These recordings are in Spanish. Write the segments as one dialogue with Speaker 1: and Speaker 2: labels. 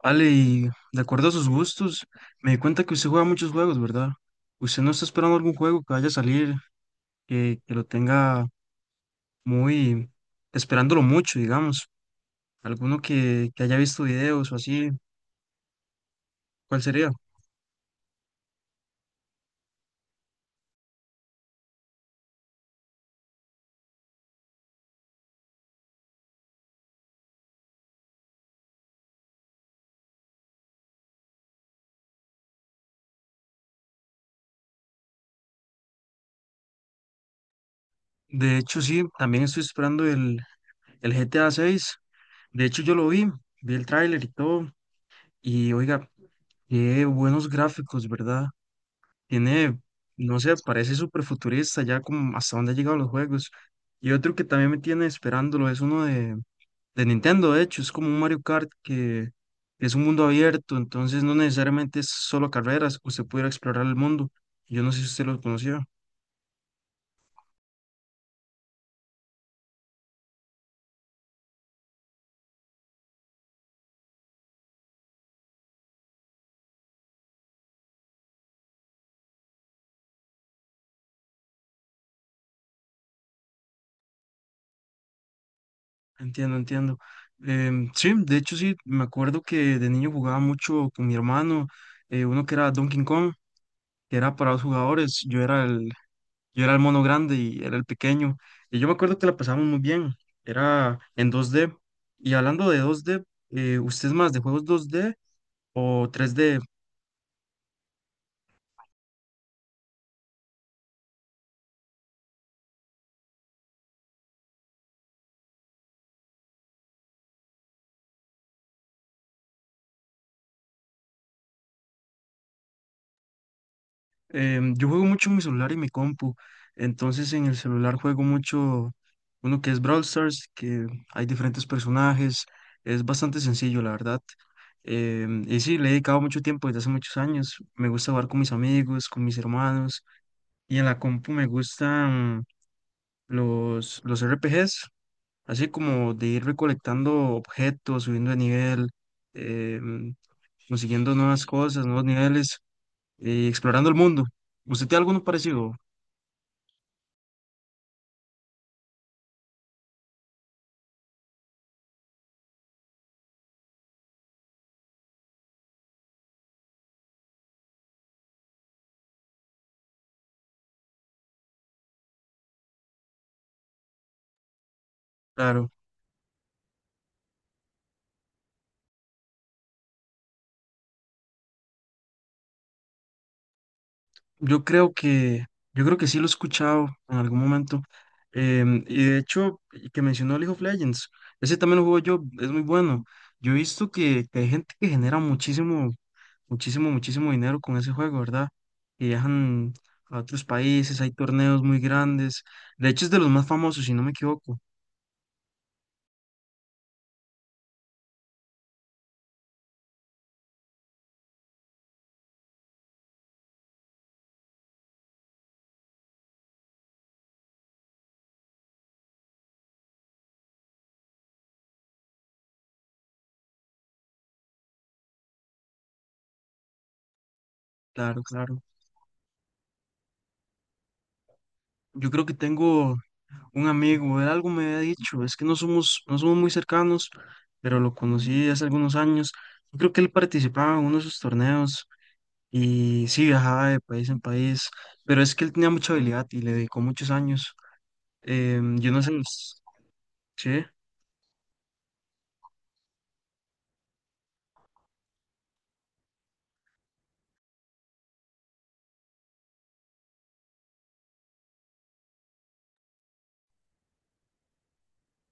Speaker 1: Ale, y de acuerdo a sus gustos, me di cuenta que usted juega muchos juegos, ¿verdad? ¿Usted no está esperando algún juego que vaya a salir, que lo tenga muy, esperándolo mucho, digamos? ¿Alguno que haya visto videos o así? ¿Cuál sería? De hecho, sí, también estoy esperando el GTA 6. De hecho, yo lo vi, vi el tráiler y todo, y oiga, qué buenos gráficos, ¿verdad? Tiene, no sé, parece súper futurista ya como hasta dónde han llegado los juegos. Y otro que también me tiene esperándolo es uno de Nintendo, de hecho, es como un Mario Kart que es un mundo abierto, entonces no necesariamente es solo carreras, usted pudiera explorar el mundo. Yo no sé si usted lo conocía. Entiendo, entiendo. Sí, de hecho sí, me acuerdo que de niño jugaba mucho con mi hermano, uno que era Donkey Kong, que era para 2 jugadores, Yo era el mono grande y era el pequeño. Y yo me acuerdo que la pasamos muy bien. Era en 2D. Y hablando de 2D, ¿usted es más de juegos 2D o 3D? Yo juego mucho en mi celular y mi compu. Entonces en el celular juego mucho uno que es Brawl Stars, que hay diferentes personajes. Es bastante sencillo, la verdad. Y sí, le he dedicado mucho tiempo desde hace muchos años. Me gusta jugar con mis amigos, con mis hermanos. Y en la compu me gustan los RPGs, así como de ir recolectando objetos, subiendo de nivel, em, consiguiendo nuevas cosas, nuevos niveles y explorando el mundo. ¿Usted tiene alguno parecido? Claro, yo creo que, yo creo que sí lo he escuchado en algún momento. Y de hecho, y que mencionó League of Legends, ese también lo juego yo, es muy bueno. Yo he visto que hay gente que genera muchísimo muchísimo, muchísimo dinero con ese juego, ¿verdad? Y viajan a otros países, hay torneos muy grandes. De hecho, es de los más famosos, si no me equivoco. Claro, claro. Yo creo que tengo un amigo, él algo me había dicho, es que no somos muy cercanos, pero lo conocí hace algunos años. Yo creo que él participaba en uno de sus torneos y sí viajaba de país en país, pero es que él tenía mucha habilidad y le dedicó muchos años. Yo no sé, sí.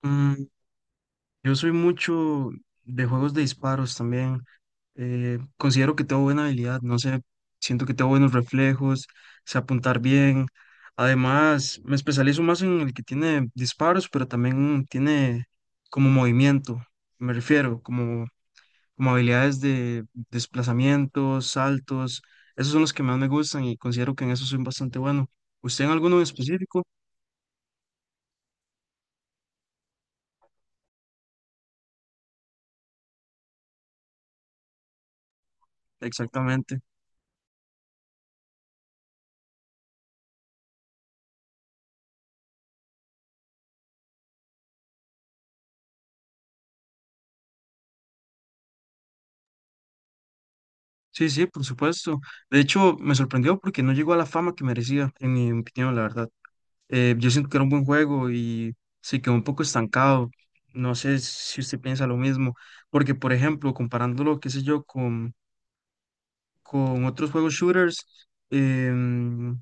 Speaker 1: Mm, yo soy mucho de juegos de disparos también. Considero que tengo buena habilidad, no sé, siento que tengo buenos reflejos, sé apuntar bien. Además, me especializo más en el que tiene disparos, pero también tiene como movimiento, me refiero, como habilidades de desplazamientos, saltos. Esos son los que más me gustan y considero que en eso soy bastante bueno. ¿Usted en alguno en específico? Exactamente. Sí, sí, por supuesto. De hecho, me sorprendió porque no llegó a la fama que merecía, en mi opinión, la verdad. Yo siento que era un buen juego y se quedó un poco estancado. No sé si usted piensa lo mismo, porque, por ejemplo, comparándolo, qué sé yo, con otros juegos shooters, em,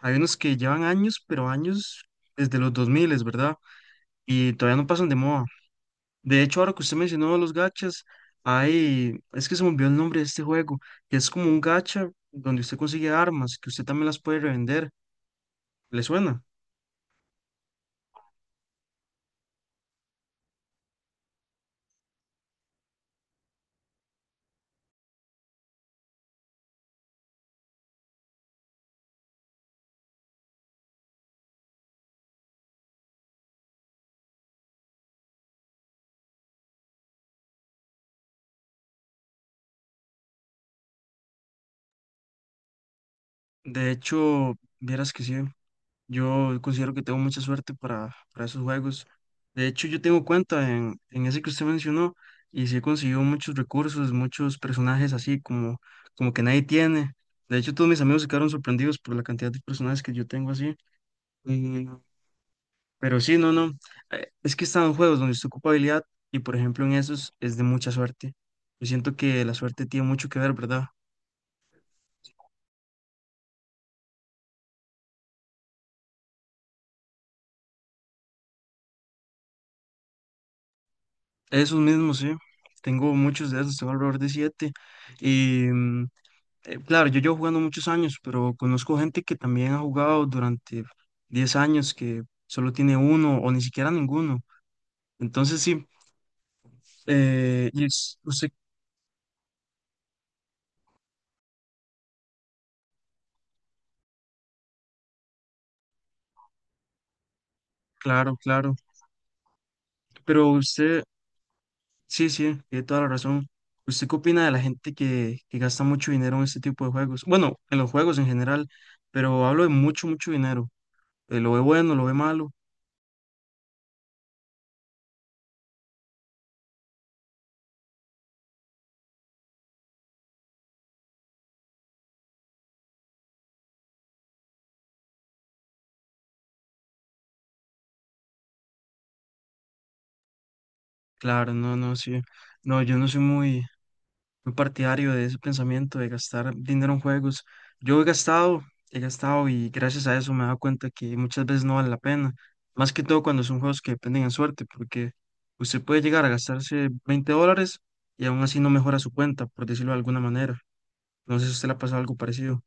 Speaker 1: hay unos que llevan años, pero años desde los 2000, ¿verdad? Y todavía no pasan de moda. De hecho, ahora que usted mencionó los gachas, es que se me olvidó el nombre de este juego, que es como un gacha donde usted consigue armas, que usted también las puede revender. ¿Le suena? De hecho, vieras que sí, yo considero que tengo mucha suerte para esos juegos. De hecho, yo tengo cuenta en ese que usted mencionó y sí he conseguido muchos recursos, muchos personajes así como que nadie tiene. De hecho, todos mis amigos se quedaron sorprendidos por la cantidad de personajes que yo tengo así. Mm, pero sí, no, no. Es que están juegos donde está ocupa habilidad y, por ejemplo, en esos es de mucha suerte. Yo siento que la suerte tiene mucho que ver, ¿verdad? Esos mismos, sí. Tengo muchos de esos, tengo alrededor de 7. Y mm, claro, yo llevo jugando muchos años, pero conozco gente que también ha jugado durante 10 años, que solo tiene uno o ni siquiera ninguno. Entonces, sí. Usted, claro, claro. Pero usted, sí, sí, tiene toda la razón. ¿Usted qué opina de la gente que gasta mucho dinero en este tipo de juegos? Bueno, en los juegos en general, pero hablo de mucho, mucho dinero. ¿Lo ve bueno, lo ve malo? Claro, no, no, sí. No, yo no soy muy, muy partidario de ese pensamiento de gastar dinero en juegos. Yo he gastado, he gastado y gracias a eso me he dado cuenta que muchas veces no vale la pena. Más que todo cuando son juegos que dependen en suerte, porque usted puede llegar a gastarse 20 dólares y aún así no mejora su cuenta, por decirlo de alguna manera. No sé si a usted le ha pasado algo parecido.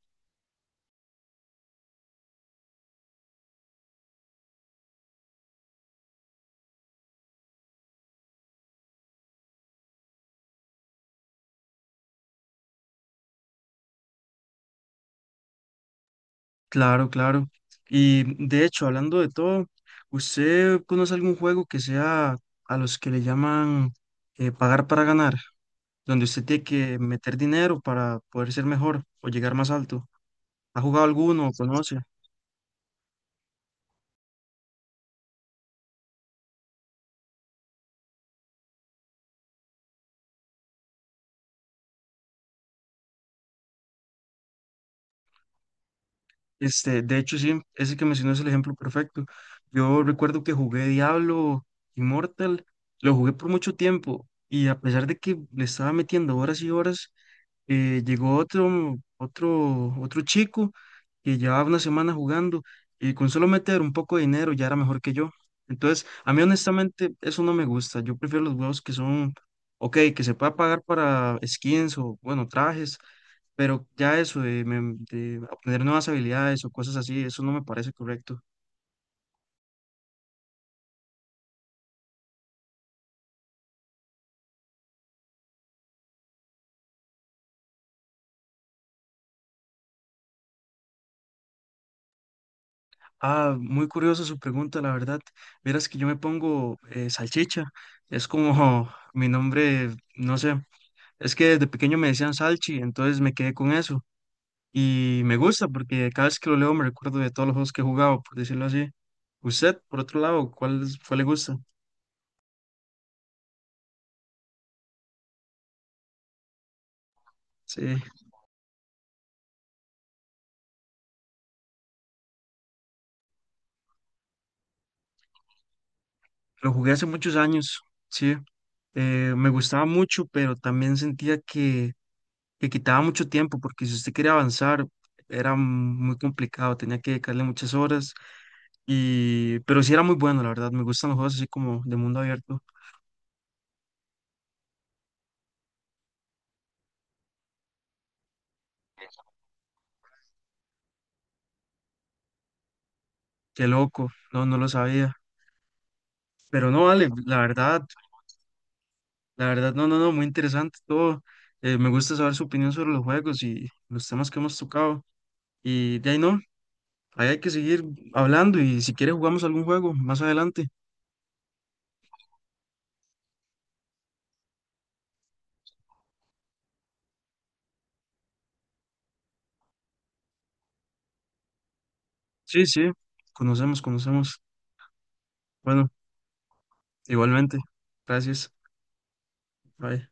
Speaker 1: Claro, claro. Y de hecho, hablando de todo, ¿usted conoce algún juego que sea a los que le llaman pagar para ganar? Donde usted tiene que meter dinero para poder ser mejor o llegar más alto. ¿Ha jugado alguno o conoce? Este, de hecho, sí, ese que mencionó es el ejemplo perfecto. Yo recuerdo que jugué Diablo Immortal, lo jugué por mucho tiempo y a pesar de que le estaba metiendo horas y horas, llegó otro chico que llevaba una semana jugando y con solo meter un poco de dinero ya era mejor que yo. Entonces, a mí honestamente eso no me gusta. Yo prefiero los juegos que son, ok, que se pueda pagar para skins o, bueno, trajes, pero ya eso de obtener nuevas habilidades o cosas así, eso no me parece correcto. Ah, muy curiosa su pregunta, la verdad. Verás que yo me pongo salchicha, es como mi nombre, no sé. Es que desde pequeño me decían Salchi, entonces me quedé con eso. Y me gusta porque cada vez que lo leo me recuerdo de todos los juegos que he jugado, por decirlo así. Usted, por otro lado, ¿cuál le gusta? Sí, lo jugué hace muchos años, sí. Me gustaba mucho, pero también sentía que quitaba mucho tiempo porque si usted quería avanzar era muy complicado, tenía que dedicarle muchas horas. Y, pero sí era muy bueno, la verdad. Me gustan los juegos así como de mundo abierto. Qué loco, no, no lo sabía. Pero no, vale, la verdad. La verdad, no, no, no, muy interesante todo. Me gusta saber su opinión sobre los juegos y los temas que hemos tocado. Y de ahí no, ahí hay que seguir hablando y si quiere jugamos algún juego más adelante. Sí, sí, conocemos, conocemos. Bueno, igualmente. Gracias. Bye.